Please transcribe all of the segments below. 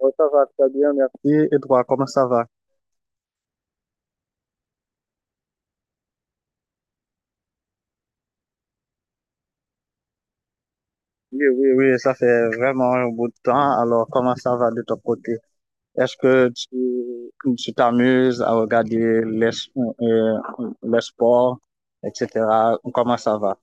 Oh, ça va très bien, merci. Et toi, comment ça va? Oui, oui, oui, ça fait vraiment un bout de temps. Alors, comment ça va de ton côté? Est-ce que tu t'amuses à regarder les sports, etc.? Comment ça va?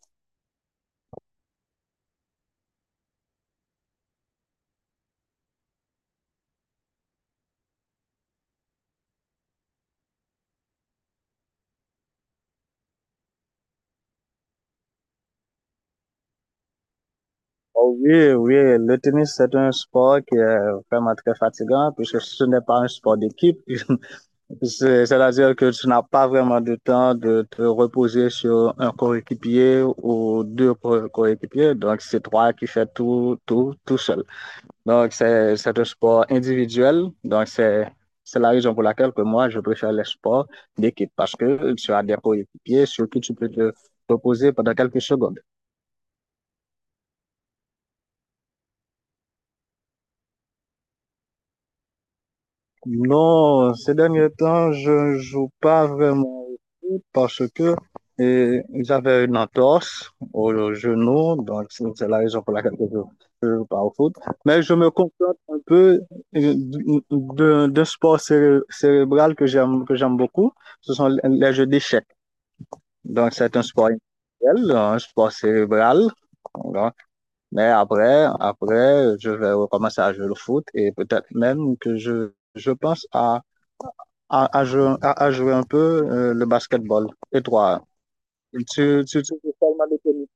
Oh oui, oui, le tennis, c'est un sport qui est vraiment très fatigant puisque ce n'est pas un sport d'équipe. C'est-à-dire que tu n'as pas vraiment de temps de te reposer sur un coéquipier ou deux coéquipiers. Donc, c'est toi qui fais tout, tout, tout seul. Donc, c'est un sport individuel. Donc, c'est la raison pour laquelle que moi, je préfère les sports d'équipe parce que tu as des coéquipiers sur qui tu peux te reposer pendant quelques secondes. Non, ces derniers temps, je joue pas vraiment au foot parce que j'avais une entorse au genou, donc c'est la raison pour laquelle je ne joue pas au foot. Mais je me contente un peu euh, d'un sport cérébral que j'aime beaucoup. Ce sont les jeux d'échecs. Donc c'est un sport intellectuel, un sport cérébral. Voilà. Mais après, après, je vais recommencer à jouer au foot et peut-être même que je pense à à à jouer un peu le basketball. Et toi, tu parles de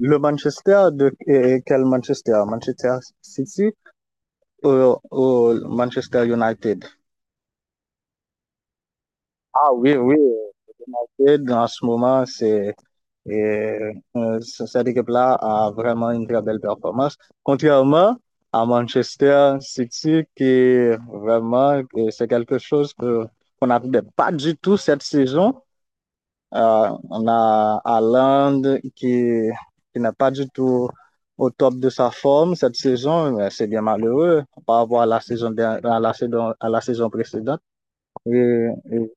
le Manchester et quel Manchester? Manchester City ou, ou Manchester United? Ah oui, oui. United, en ce moment, et, cette équipe-là a vraiment une très belle performance. Contrairement à Manchester City, qui vraiment, c'est quelque chose qu'on n'attendait pas du tout cette saison. On a Haaland qui, qui n'est pas du tout au top de sa forme cette saison. Mais c'est bien malheureux par rapport à la saison, der- à la saison précédente. Et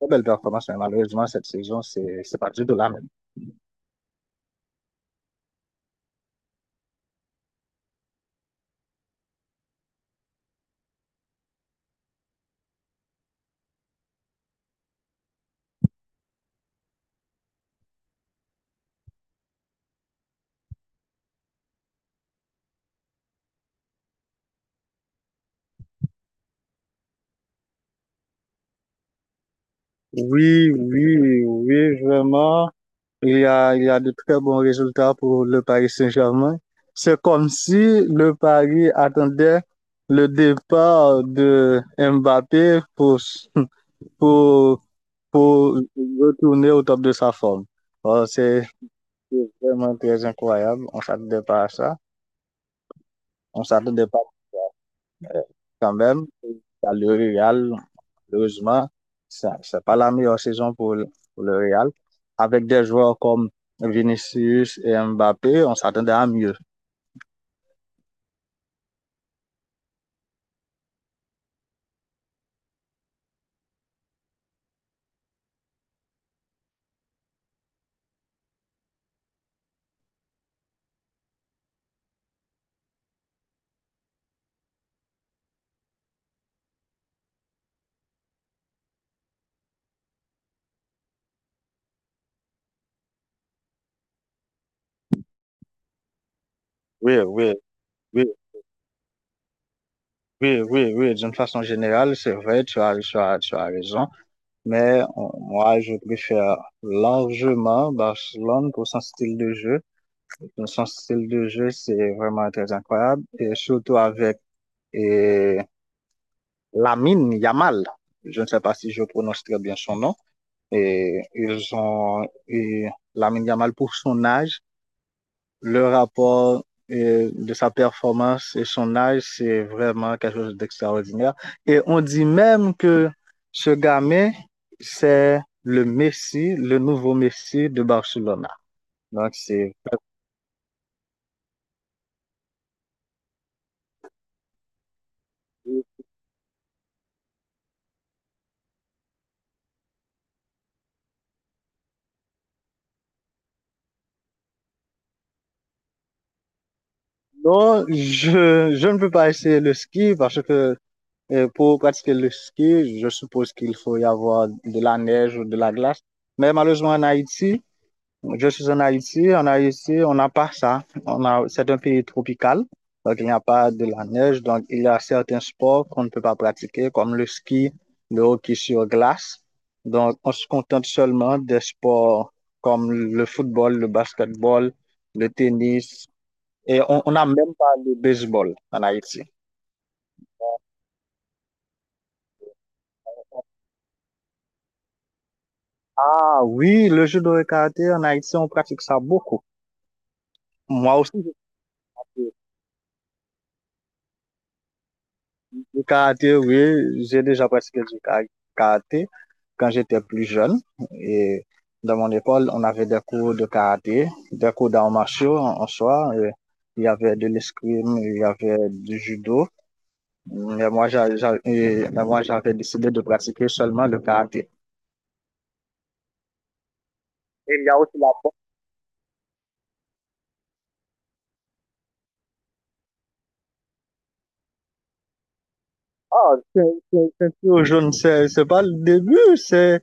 très belle performance, mais malheureusement, cette saison, c'est pas du tout la même. Oui, oui, oui, vraiment. Il y a de très bons résultats pour le Paris Saint-Germain. C'est comme si le Paris attendait le départ de Mbappé pour pour retourner au top de sa forme. Euh, c'est c'est vraiment très incroyable. On s'attendait pas à ça. On s'attendait pas quand même. À Le Real, malheureusement, ça, c'est pas la meilleure saison pour le Real. Avec des joueurs comme Vinicius et Mbappé, on s'attendait à mieux. Oui, oui, oui, oui, oui, oui. D'une façon générale, c'est vrai, tu as raison. Moi, je préfère largement Barcelone pour son style de jeu. Donc, son style de jeu, c'est vraiment très incroyable. Et surtout avec et, Lamine Yamal. Je ne sais pas si je prononce très bien son nom. Et ils ont et Lamine Yamal pour son âge. Le rapport de sa performance et son âge, c'est vraiment quelque chose d'extraordinaire. Et on dit même que ce gamin, c'est le Messi, le nouveau Messi de Barcelone. Donc, c'est… Non, je ne peux pas essayer le ski parce que pour pratiquer le ski, je suppose qu'il faut y avoir de la neige ou de la glace. Mais malheureusement, en Haïti, je suis en Haïti. En Haïti, on n'a pas ça. On a, c'est un pays tropical, donc il n'y a pas de la neige. Donc, il y a certains sports qu'on ne peut pas pratiquer, comme le ski, le hockey sur glace. Donc, on se contente seulement des sports comme le football, le basketball, le tennis, et on n'a même pas le baseball en Haïti. Ah oui, le judo et karaté, en Haïti, on pratique ça beaucoup. Moi aussi, je pratique le karaté, oui, j'ai déjà pratiqué karaté quand j'étais plus jeune. Et dans mon école, on avait des cours de karaté, des cours d'arts martiaux en, en soi. Et il y avait de l'escrime, il y avait du judo. Mais moi, moi, j'avais décidé de pratiquer seulement le karaté. Et il y a aussi la… Ah, c'est tout jaune, c'est pas le début, c'est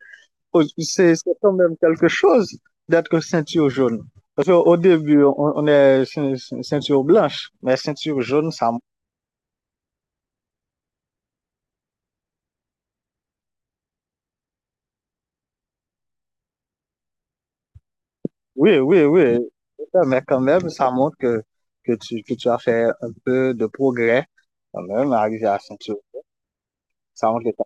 c'est c'est quand même quelque chose d'être ceinture jaune. Parce qu'au début, on est ceinture blanche, mais ceinture jaune, ça, oui, oui, oui, mais quand même, ça montre que tu que tu as fait un peu de progrès quand même, arrivé à ceinture. Ça montre que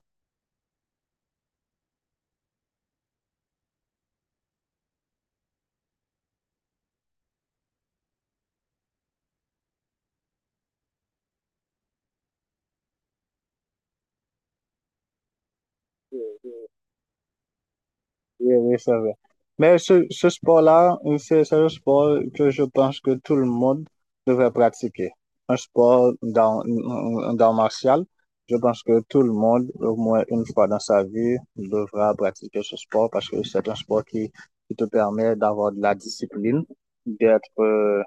oui, oui, c'est vrai. Mais ce sport-là, c'est un sport que je pense que tout le monde devrait pratiquer. Un sport dans martial, je pense que tout le monde, au moins une fois dans sa vie, devra pratiquer ce sport parce que c'est un sport qui te permet d'avoir de la discipline, d'être, euh,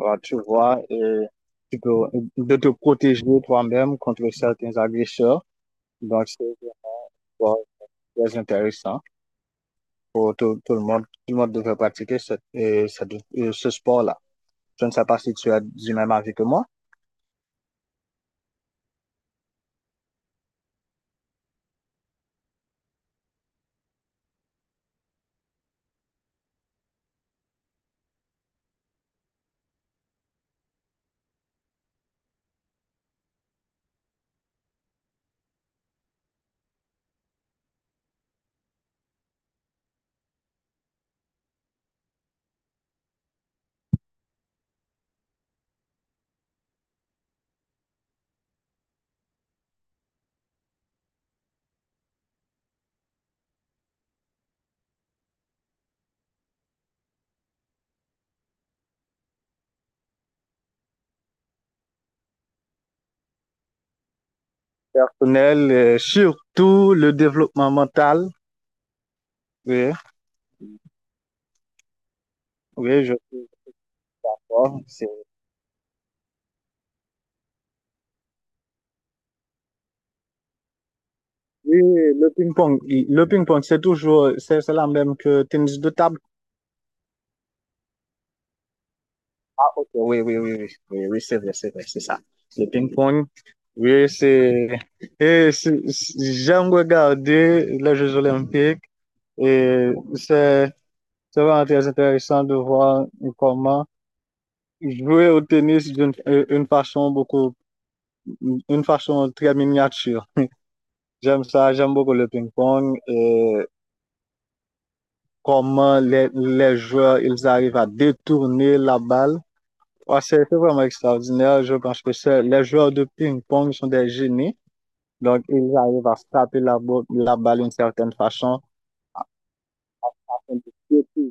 tu vois, et tu peux, de te protéger toi-même contre certains agresseurs. Donc, c'est un sport très intéressant pour tout, tout le monde. Tout le monde devrait pratiquer ce sport-là. Je ne sais pas si tu as du même avis que moi. Personnel, surtout le développement mental. Oui, oui, je suis d'accord. C'est… Oui, le ping-pong, le ping-pong, c'est toujours, c'est la même que tennis de table. Ah, ok, oui, oui, oui, oui, oui, oui, c'est vrai, c'est vrai, c'est ça. Le ping-pong, oui, c'est, et c'est- c'est- j'aime regarder les Jeux Olympiques et c'est, c'est vraiment très intéressant de voir comment jouer au tennis d'une une façon beaucoup, une façon très miniature. J'aime ça, j'aime beaucoup le ping-pong et comment les joueurs, ils arrivent à détourner la balle. Ouais, c'est vraiment extraordinaire. Je pense que les joueurs de ping-pong sont des génies. Donc, ils arrivent à taper la balle d'une certaine façon,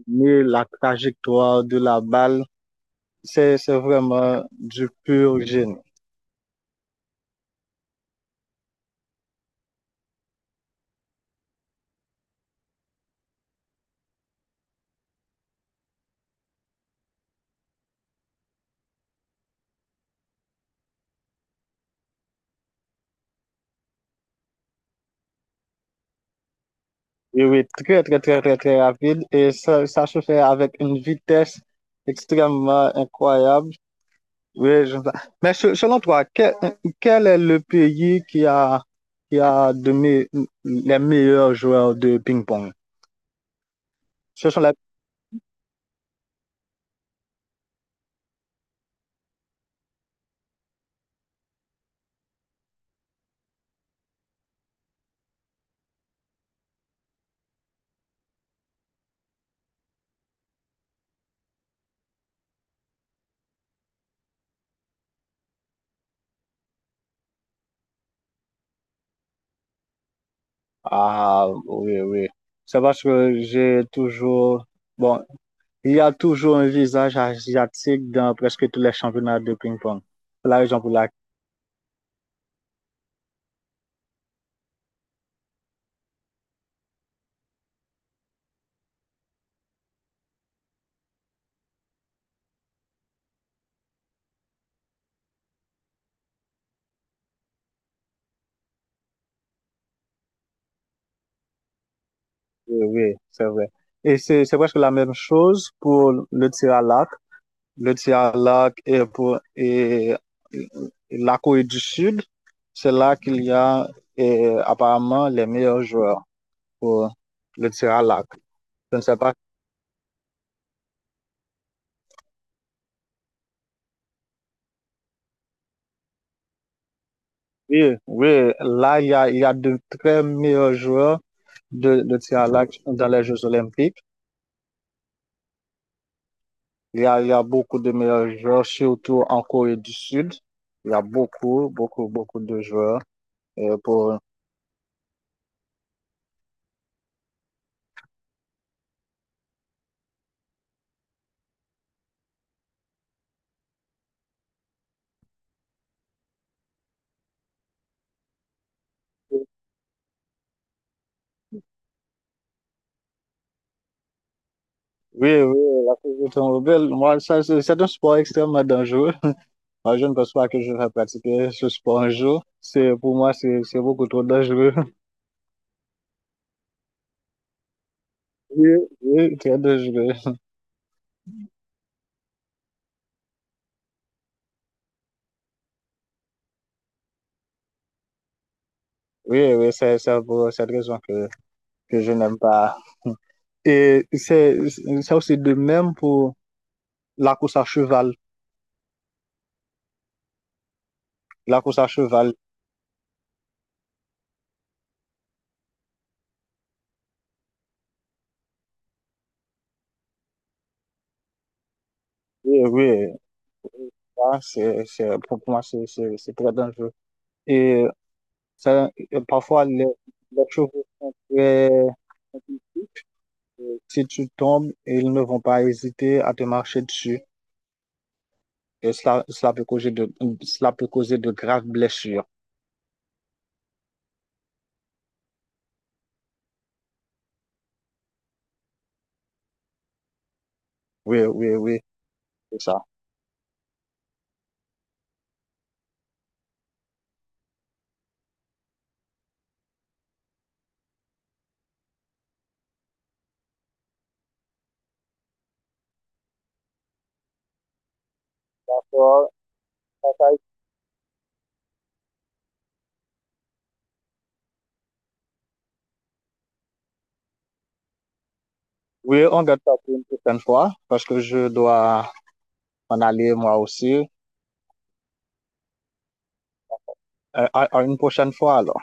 mais la trajectoire de la balle. C'est vraiment du pur génie. Oui, oui, très, très, très, très, très rapide. Et ça se fait avec une vitesse extrêmement incroyable. Oui, je… Mais selon toi, quel est le pays qui a les meilleurs joueurs de ping-pong? Ce sont les… Ah, oui, oui. C'est parce que j'ai toujours… Bon, il y a toujours un visage asiatique dans presque tous les championnats de ping-pong. C'est la raison pour laquelle… Oui, oui, c'est vrai. Et c'est presque la même chose pour le tir à l'arc. Le tir à l'arc est pour et la Corée du Sud. C'est là qu'il y a apparemment les meilleurs joueurs pour le tir à l'arc. Je ne sais pas. Oui, oui, là, il y a de très meilleurs joueurs de tir à l'arc dans les Jeux Olympiques. Il y a beaucoup de meilleurs joueurs, surtout en Corée du Sud. Il y a beaucoup, beaucoup, beaucoup de joueurs pour… Oui, oui, la course de automobile, moi, ça, c'est un sport extrêmement dangereux. Moi, je ne pense pas que je vais pratiquer ce sport un jour. Pour moi, c'est beaucoup trop dangereux. Oui, oui, très dangereux. Oui, oui, c'est pour cette raison que je n'aime pas. Et c'est aussi de même pour la course à cheval. La course à cheval. Oui, oui, ça, pour moi, c'est très dangereux. Et ça, parfois, les chevaux sont très… Si tu tombes, ils ne vont pas hésiter à te marcher dessus. Et cela, cela peut causer de, cela peut causer de graves blessures. Oui, oui, oui, c'est ça. Euh, Oui, on garde ça pour une prochaine fois parce que je dois en aller moi aussi. À une prochaine fois alors.